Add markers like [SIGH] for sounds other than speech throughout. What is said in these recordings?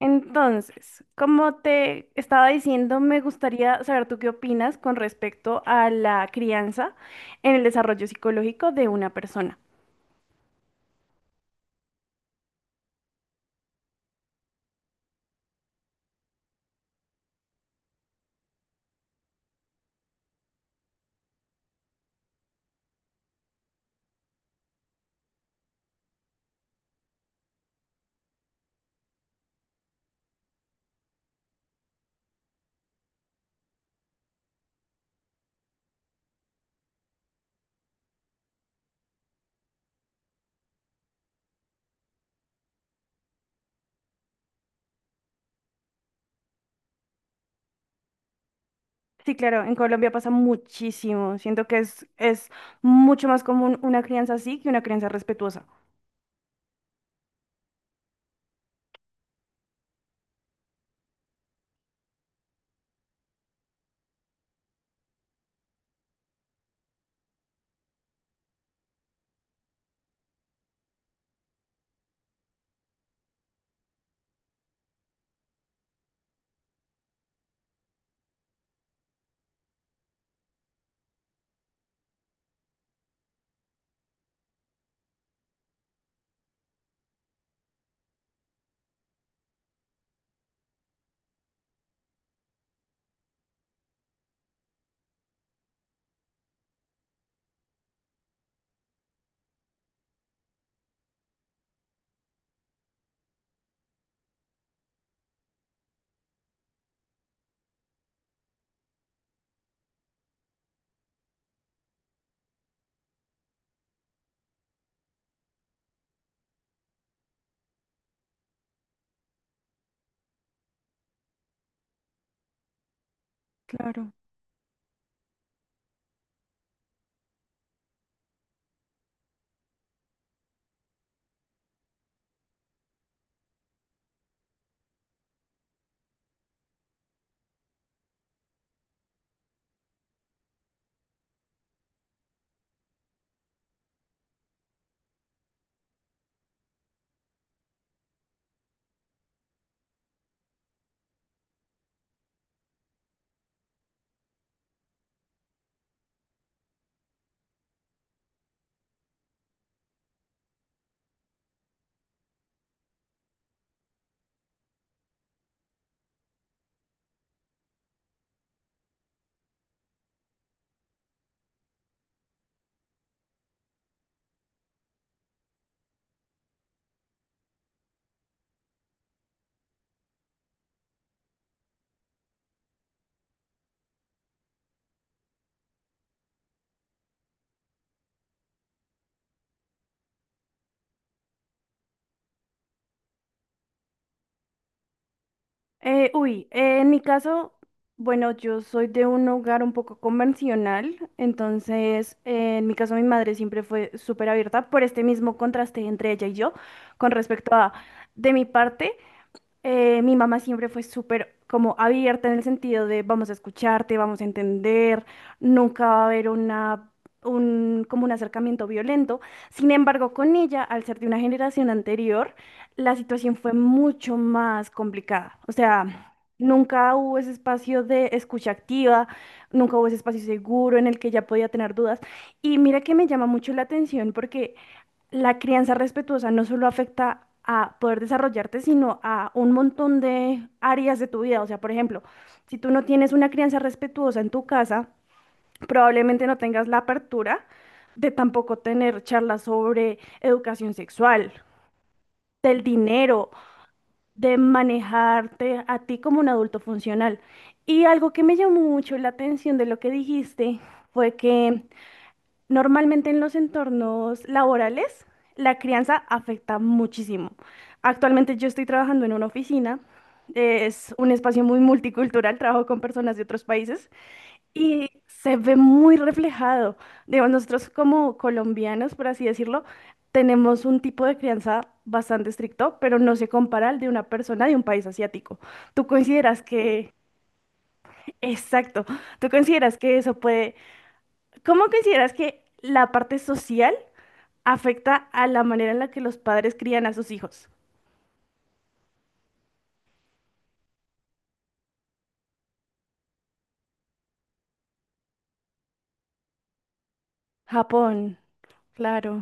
Entonces, como te estaba diciendo, me gustaría saber tú qué opinas con respecto a la crianza en el desarrollo psicológico de una persona. Sí, claro, en Colombia pasa muchísimo. Siento que es mucho más común una crianza así que una crianza respetuosa. Claro. En mi caso, bueno, yo soy de un hogar un poco convencional, entonces en mi caso mi madre siempre fue súper abierta por este mismo contraste entre ella y yo con respecto a de mi parte. Mi mamá siempre fue súper como abierta en el sentido de vamos a escucharte, vamos a entender, nunca va a haber como un acercamiento violento. Sin embargo, con ella, al ser de una generación anterior, la situación fue mucho más complicada. O sea, nunca hubo ese espacio de escucha activa, nunca hubo ese espacio seguro en el que ella podía tener dudas. Y mira que me llama mucho la atención porque la crianza respetuosa no solo afecta a poder desarrollarte, sino a un montón de áreas de tu vida. O sea, por ejemplo, si tú no tienes una crianza respetuosa en tu casa, probablemente no tengas la apertura de tampoco tener charlas sobre educación sexual, del dinero, de manejarte a ti como un adulto funcional. Y algo que me llamó mucho la atención de lo que dijiste fue que normalmente en los entornos laborales, la crianza afecta muchísimo. Actualmente yo estoy trabajando en una oficina, es un espacio muy multicultural, trabajo con personas de otros países y se ve muy reflejado. Digo, nosotros como colombianos, por así decirlo, tenemos un tipo de crianza bastante estricto, pero no se compara al de una persona de un país asiático. ¿Tú consideras que, exacto, tú consideras que eso puede, cómo consideras que la parte social afecta a la manera en la que los padres crían a sus hijos? Japón, claro,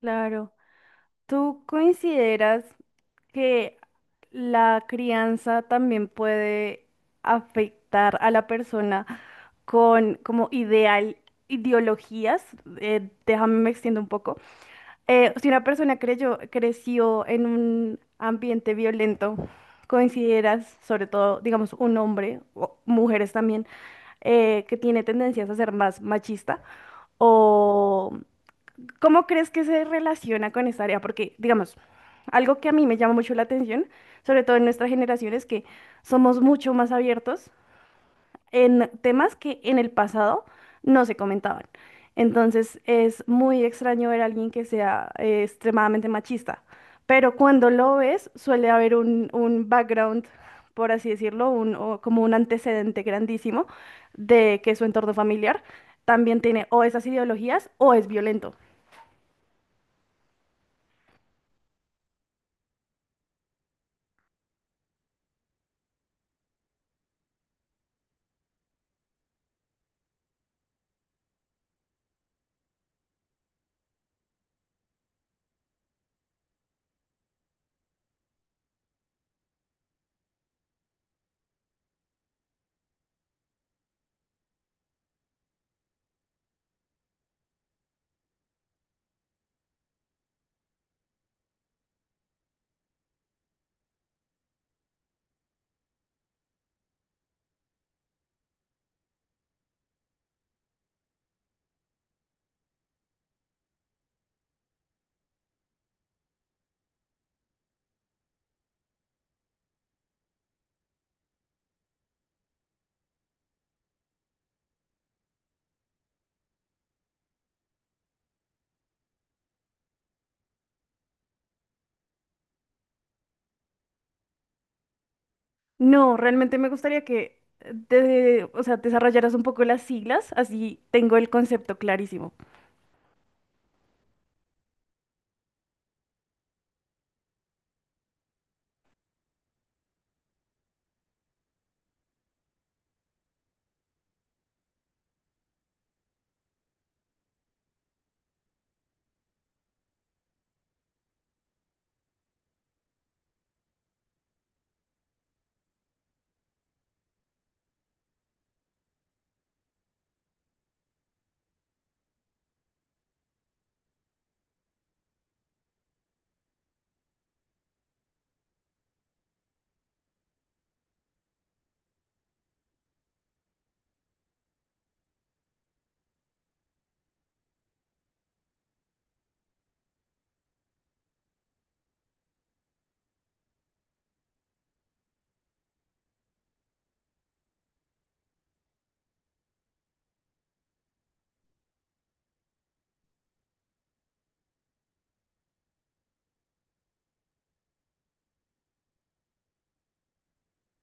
claro. ¿Tú consideras que la crianza también puede afectar a la persona con como ideal ideologías? Déjame me extiendo un poco. Si una persona creció en un ambiente violento, ¿consideras, sobre todo, digamos, un hombre o mujeres también que tiene tendencias a ser más machista? ¿O cómo crees que se relaciona con esta área? Porque, digamos, algo que a mí me llama mucho la atención, sobre todo en nuestra generación, es que somos mucho más abiertos en temas que en el pasado no se comentaban. Entonces es muy extraño ver a alguien que sea extremadamente machista, pero cuando lo ves suele haber un background, por así decirlo, un, o como un antecedente grandísimo de que su entorno familiar también tiene o esas ideologías o es violento. No, realmente me gustaría que o sea, desarrollaras un poco las siglas, así tengo el concepto clarísimo.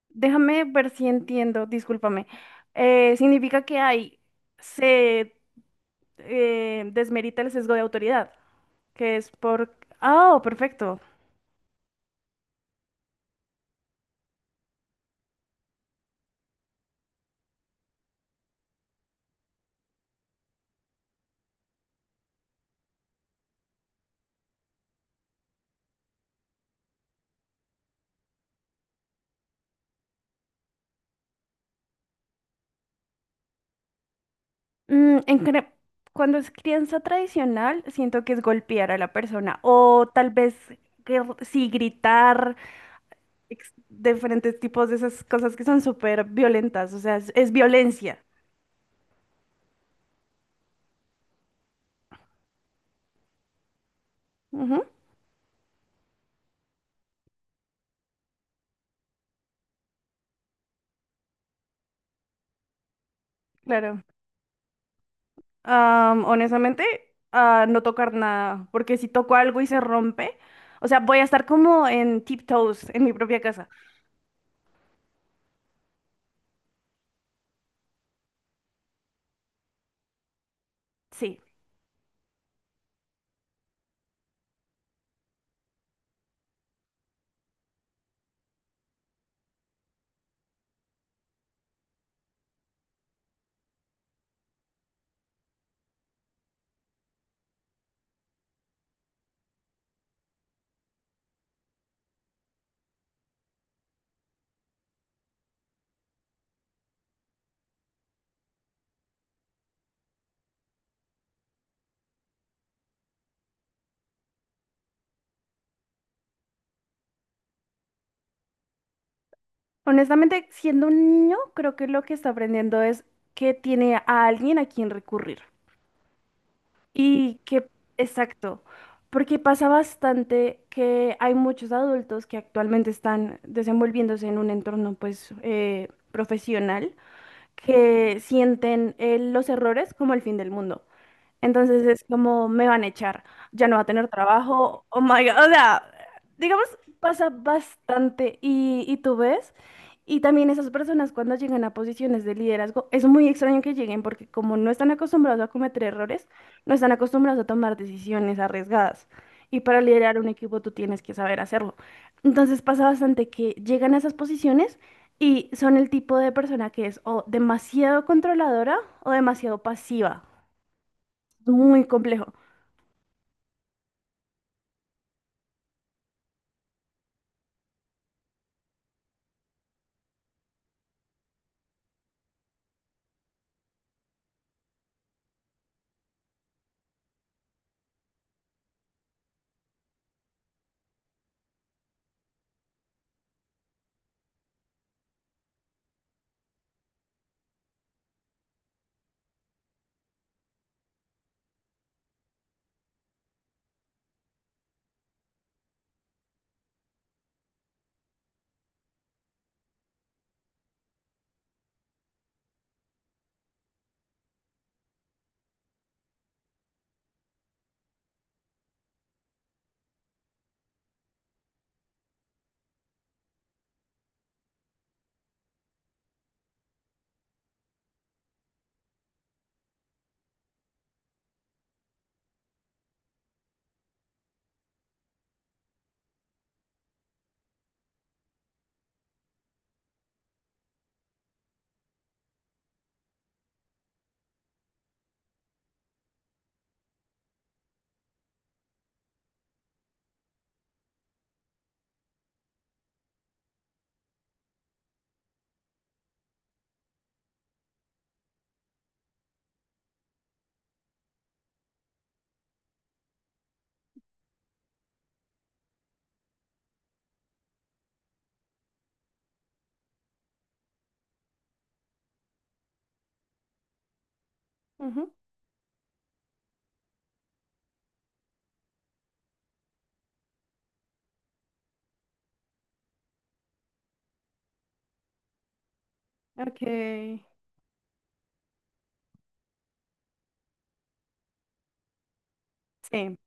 Déjame ver si entiendo, discúlpame. Significa que se desmerita el sesgo de autoridad, que es por... Ah, perfecto. Mm, en cre- Cuando es crianza tradicional, siento que es golpear a la persona o tal vez que sí gritar, diferentes tipos de esas cosas que son súper violentas, o sea, es violencia. Ujú, claro. Honestamente, a no tocar nada, porque si toco algo y se rompe, o sea, voy a estar como en tiptoes en mi propia casa. Sí. Honestamente, siendo un niño, creo que lo que está aprendiendo es que tiene a alguien a quien recurrir. Y que, exacto, porque pasa bastante que hay muchos adultos que actualmente están desenvolviéndose en un entorno, pues, profesional, que sienten los errores como el fin del mundo. Entonces es como me van a echar, ya no va a tener trabajo, oh my God, o sea, digamos, pasa bastante y tú ves, y también esas personas cuando llegan a posiciones de liderazgo, es muy extraño que lleguen porque como no están acostumbrados a cometer errores, no están acostumbrados a tomar decisiones arriesgadas. Y para liderar un equipo tú tienes que saber hacerlo. Entonces pasa bastante que llegan a esas posiciones y son el tipo de persona que es o demasiado controladora o demasiado pasiva. Muy complejo. Ujú. Ok. Sí.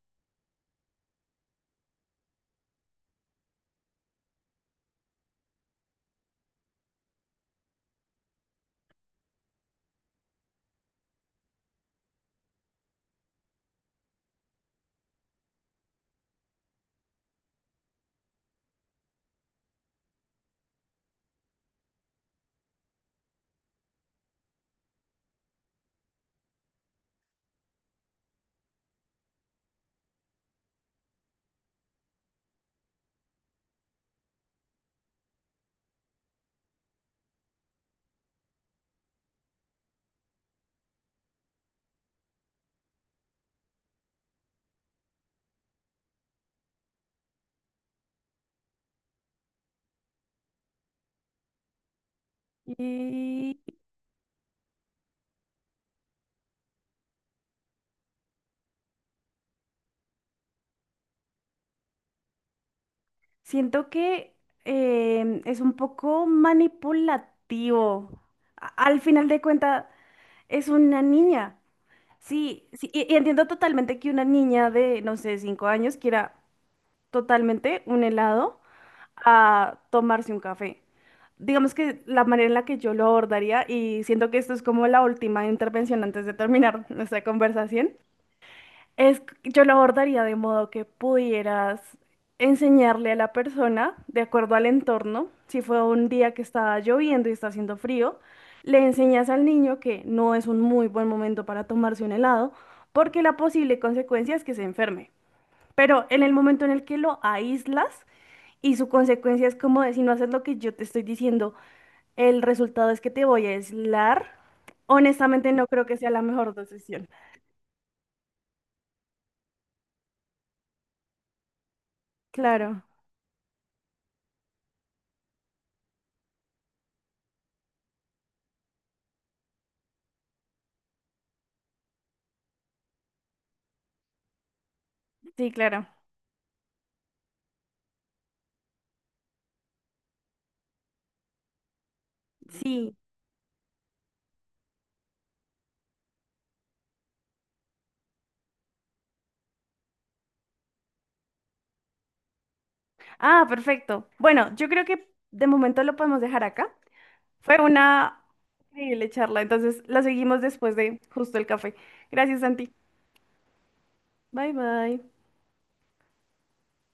Y siento que es un poco manipulativo. A- Al final de cuentas, es una niña. Sí, sí, y entiendo totalmente que una niña de, no sé, 5 años quiera totalmente un helado a tomarse un café. Digamos que la manera en la que yo lo abordaría, y siento que esto es como la última intervención antes de terminar [LAUGHS] nuestra conversación, es, yo lo abordaría de modo que pudieras enseñarle a la persona, de acuerdo al entorno, si fue un día que está lloviendo y está haciendo frío, le enseñas al niño que no es un muy buen momento para tomarse un helado, porque la posible consecuencia es que se enferme. Pero en el momento en el que lo aíslas y su consecuencia es como de si no haces lo que yo te estoy diciendo, el resultado es que te voy a aislar, honestamente no creo que sea la mejor decisión. Claro, sí, claro. Sí. Ah, perfecto. Bueno, yo creo que de momento lo podemos dejar acá. Fue una increíble charla, entonces la seguimos después de justo el café. Gracias, Santi. Bye, bye.